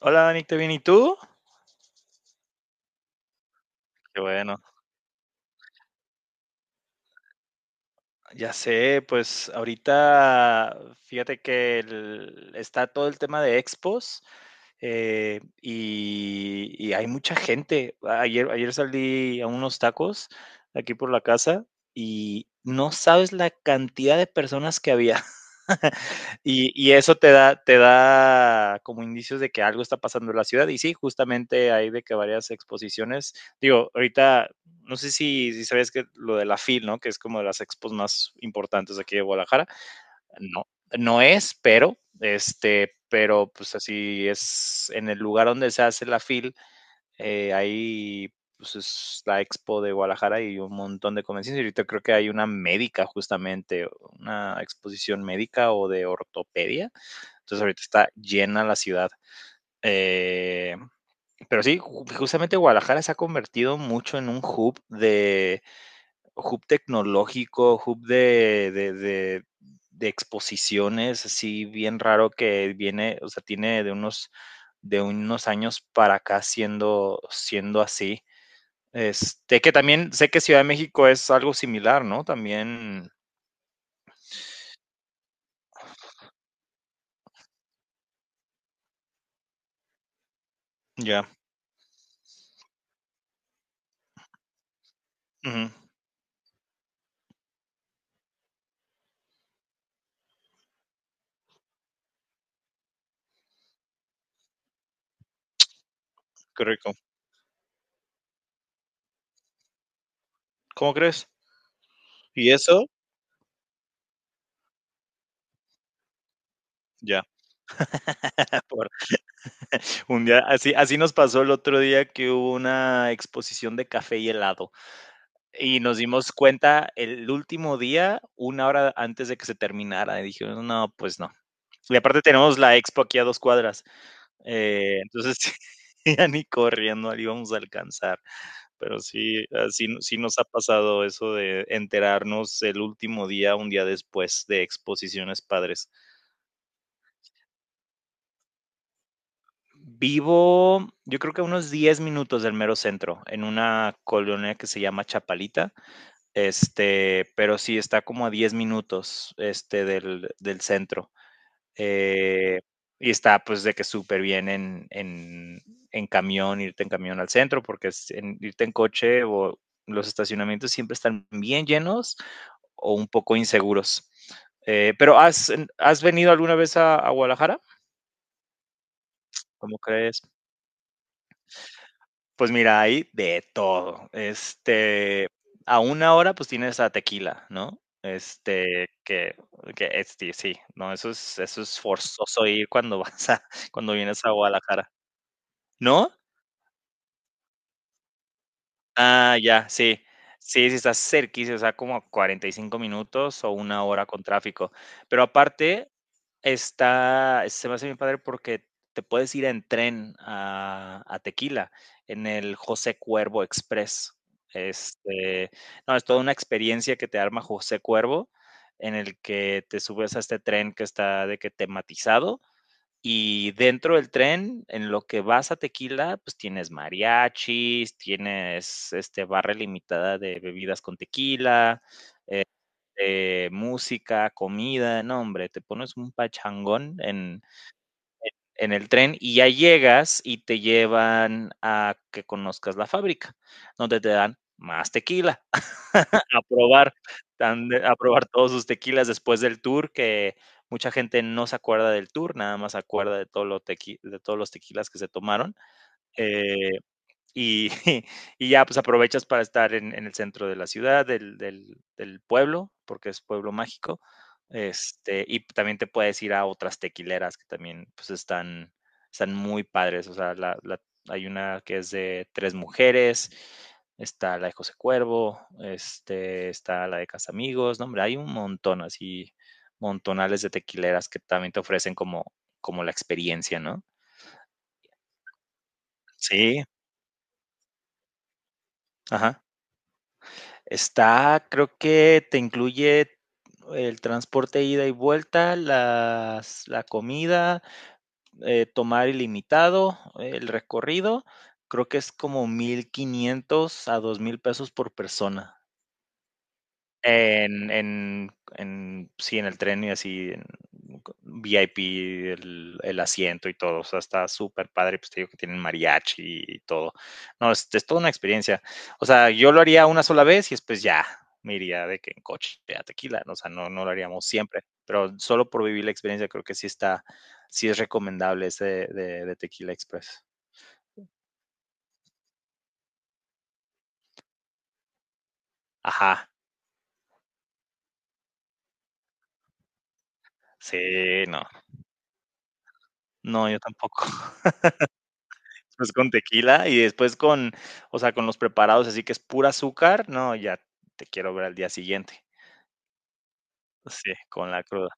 Hola Dani, ¿te bien? ¿Y tú? Qué bueno. Ya sé, pues ahorita fíjate que está todo el tema de expos, y hay mucha gente. Ayer salí a unos tacos aquí por la casa y no sabes la cantidad de personas que había. Y eso te da como indicios de que algo está pasando en la ciudad. Y sí, justamente hay de que varias exposiciones, digo, ahorita, no sé si sabías que lo de la FIL, ¿no? Que es como de las expos más importantes aquí de Guadalajara. No, no es, pero, pues así es en el lugar donde se hace la FIL, ahí pues, es la Expo de Guadalajara y un montón de convenciones. Y ahorita creo que hay una médica justamente, una exposición médica o de ortopedia. Entonces ahorita está llena la ciudad. Eh, pero sí, justamente Guadalajara se ha convertido mucho en un hub tecnológico, hub de exposiciones, así bien raro que viene, o sea, tiene de unos años para acá siendo así. Que también sé que Ciudad de México es algo similar, ¿no? También, ya, ujú, qué rico. ¿Cómo crees? ¿Y eso? Ya. Por un día, así nos pasó el otro día que hubo una exposición de café y helado y nos dimos cuenta el último día, una hora antes de que se terminara. Y dijimos, no, pues no. Y aparte tenemos la expo aquí a 2 cuadras. Entonces, ya ni corriendo le íbamos a alcanzar. Pero sí, sí no sí nos ha pasado eso de enterarnos el último día, un día después de exposiciones padres. Vivo, yo creo que a unos 10 minutos del mero centro, en una colonia que se llama Chapalita, pero sí está como a 10 minutos, del centro, eh, y está, pues, de que súper bien en en camión, irte en camión al centro, porque es en irte en coche o los estacionamientos siempre están bien llenos o un poco inseguros. Pero ¿has venido alguna vez a Guadalajara? ¿Cómo crees? Pues mira, hay de todo. A una hora pues tienes a Tequila, ¿no? Que sí, sí, no, eso es forzoso ir cuando vas a, cuando vienes a Guadalajara. ¿No? Ah, ya, sí. Sí, sí, estás cerquísima, o sea, como a 45 minutos o una hora con tráfico. Pero aparte, está se me hace bien padre porque te puedes ir en tren a Tequila, en el José Cuervo Express. Este, no, es toda una experiencia que te arma José Cuervo, en el que te subes a este tren que está de que tematizado y dentro del tren, en lo que vas a Tequila, pues tienes mariachis, tienes barra limitada de bebidas con tequila, música, comida, no hombre, te pones un pachangón en el tren y ya llegas y te llevan a que conozcas la fábrica, donde te dan más tequila, a probar, a probar todos sus tequilas después del tour, que mucha gente no se acuerda del tour, nada más se acuerda de todos los tequilas que se tomaron. Eh, y, y ya, pues aprovechas para estar en el centro de la ciudad, del pueblo, porque es pueblo mágico. Y también te puedes ir a otras tequileras que también pues están muy padres. O sea, hay una que es de tres mujeres, está la de José Cuervo, está la de Casamigos, no, hombre, hay un montón así, montonales de tequileras que también te ofrecen como la experiencia, ¿no? Sí, ajá. Está, creo que te incluye el transporte ida y vuelta, la comida, tomar ilimitado, el recorrido. Creo que es como 1,500 a 2,000 pesos por persona. En, en, sí, en el tren y así, en VIP, el asiento y todo. O sea, está súper padre. Pues te digo que tienen mariachi y todo. No, es toda una experiencia. O sea, yo lo haría una sola vez y después ya me iría de que en coche a tequila. ¿No? O sea, no, no lo haríamos siempre. Pero solo por vivir la experiencia, creo que sí es recomendable ese de Tequila Express. Ajá. Sí, no. No, yo tampoco. Después con tequila y después con, o sea, con los preparados, así que es pura azúcar, no, ya te quiero ver al día siguiente. Sí, con la cruda.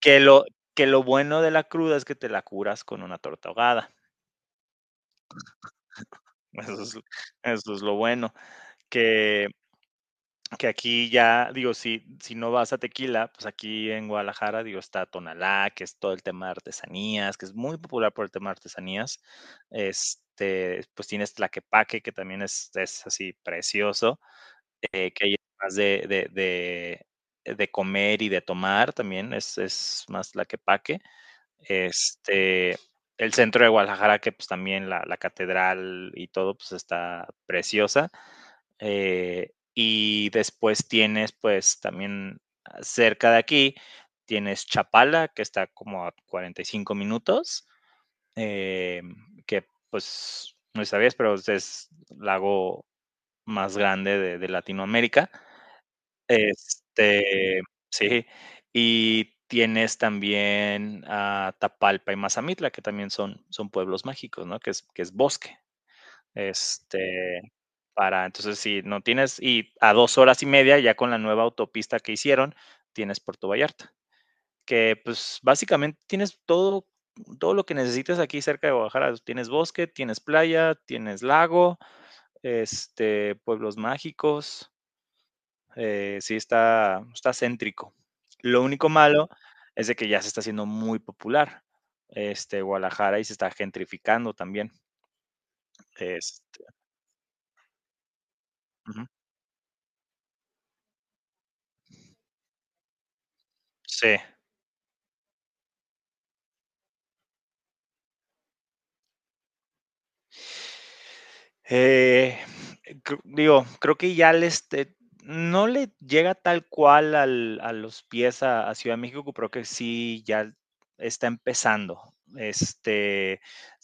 Que lo que lo bueno de la cruda es que te la curas con una torta ahogada. Eso es eso es lo bueno, que que aquí ya, digo, si no vas a tequila, pues aquí en Guadalajara, digo, está Tonalá, que es todo el tema de artesanías, que es muy popular por el tema de artesanías. Pues tienes Tlaquepaque, que también es así precioso. Que hay más de comer y de tomar también, es más la que paque. Este, el centro de Guadalajara, que, pues, también la catedral y todo, pues, está preciosa. Y después tienes, pues, también cerca de aquí, tienes Chapala, que está como a 45 minutos, em, que, pues, no si sabías, pero es el lago más grande de Latinoamérica. Este, sí, y tienes también a Tapalpa y Mazamitla, que también son pueblos mágicos, ¿no? Que es bosque, este, para entonces, si no tienes y a 2 horas y media, ya con la nueva autopista que hicieron, tienes Puerto Vallarta, que, pues, básicamente tienes todo lo que necesites aquí cerca de Guadalajara, tienes bosque, tienes playa, tienes lago, pueblos mágicos. Sí está céntrico. Lo único malo es de que ya se está haciendo muy popular, Guadalajara y se está gentrificando también. este Ujú. Sí. Eh, cr Digo, creo que ya no le llega tal cual al a los pies a Ciudad de México, pero creo que sí ya está empezando.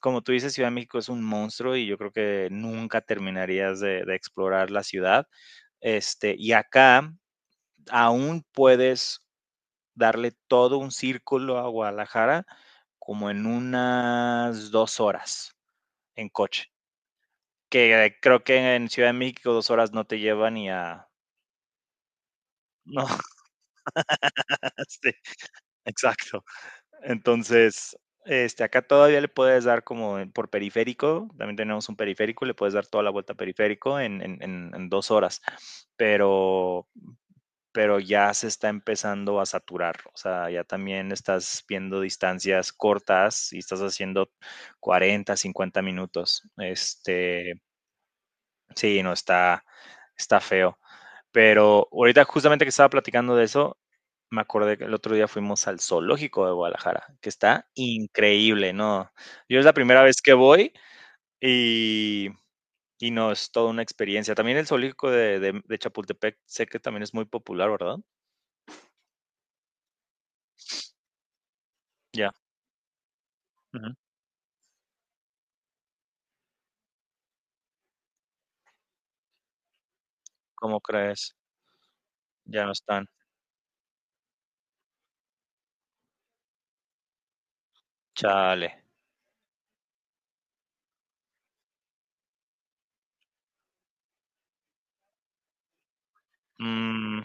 Como tú dices, Ciudad de México es un monstruo y yo creo que nunca terminarías de explorar la ciudad. Y acá aún puedes darle todo un círculo a Guadalajara como en unas 2 horas en coche, que creo que en Ciudad de México 2 horas no te lleva ni a... No, sí, exacto. Entonces, acá todavía le puedes dar como por periférico, también tenemos un periférico, le puedes dar toda la vuelta a periférico en dos horas, pero, pero ya se está empezando a saturar, o sea, ya también estás viendo distancias cortas y estás haciendo 40 50 minutos. Sí, no está feo. Pero ahorita justamente que estaba platicando de eso, me acordé que el otro día fuimos al zoológico de Guadalajara, que está increíble, ¿no? Yo es la primera vez que voy y y no, es toda una experiencia. También el zoológico de Chapultepec, sé que también es muy popular, ¿verdad? Ya, ujú. ¿Cómo crees? Ya no están. Chale. Mm,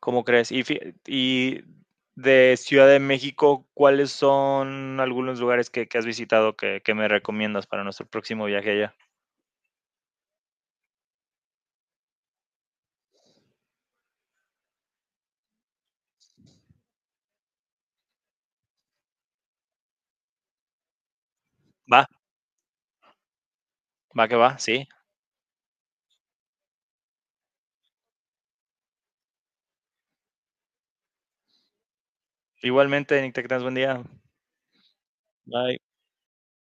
¿Cómo crees? Y fie y de Ciudad de México, ¿cuáles son algunos lugares que has visitado que me recomiendas para nuestro próximo viaje allá? Va, va que va, sí. Igualmente, Nick, te buen día. Bye.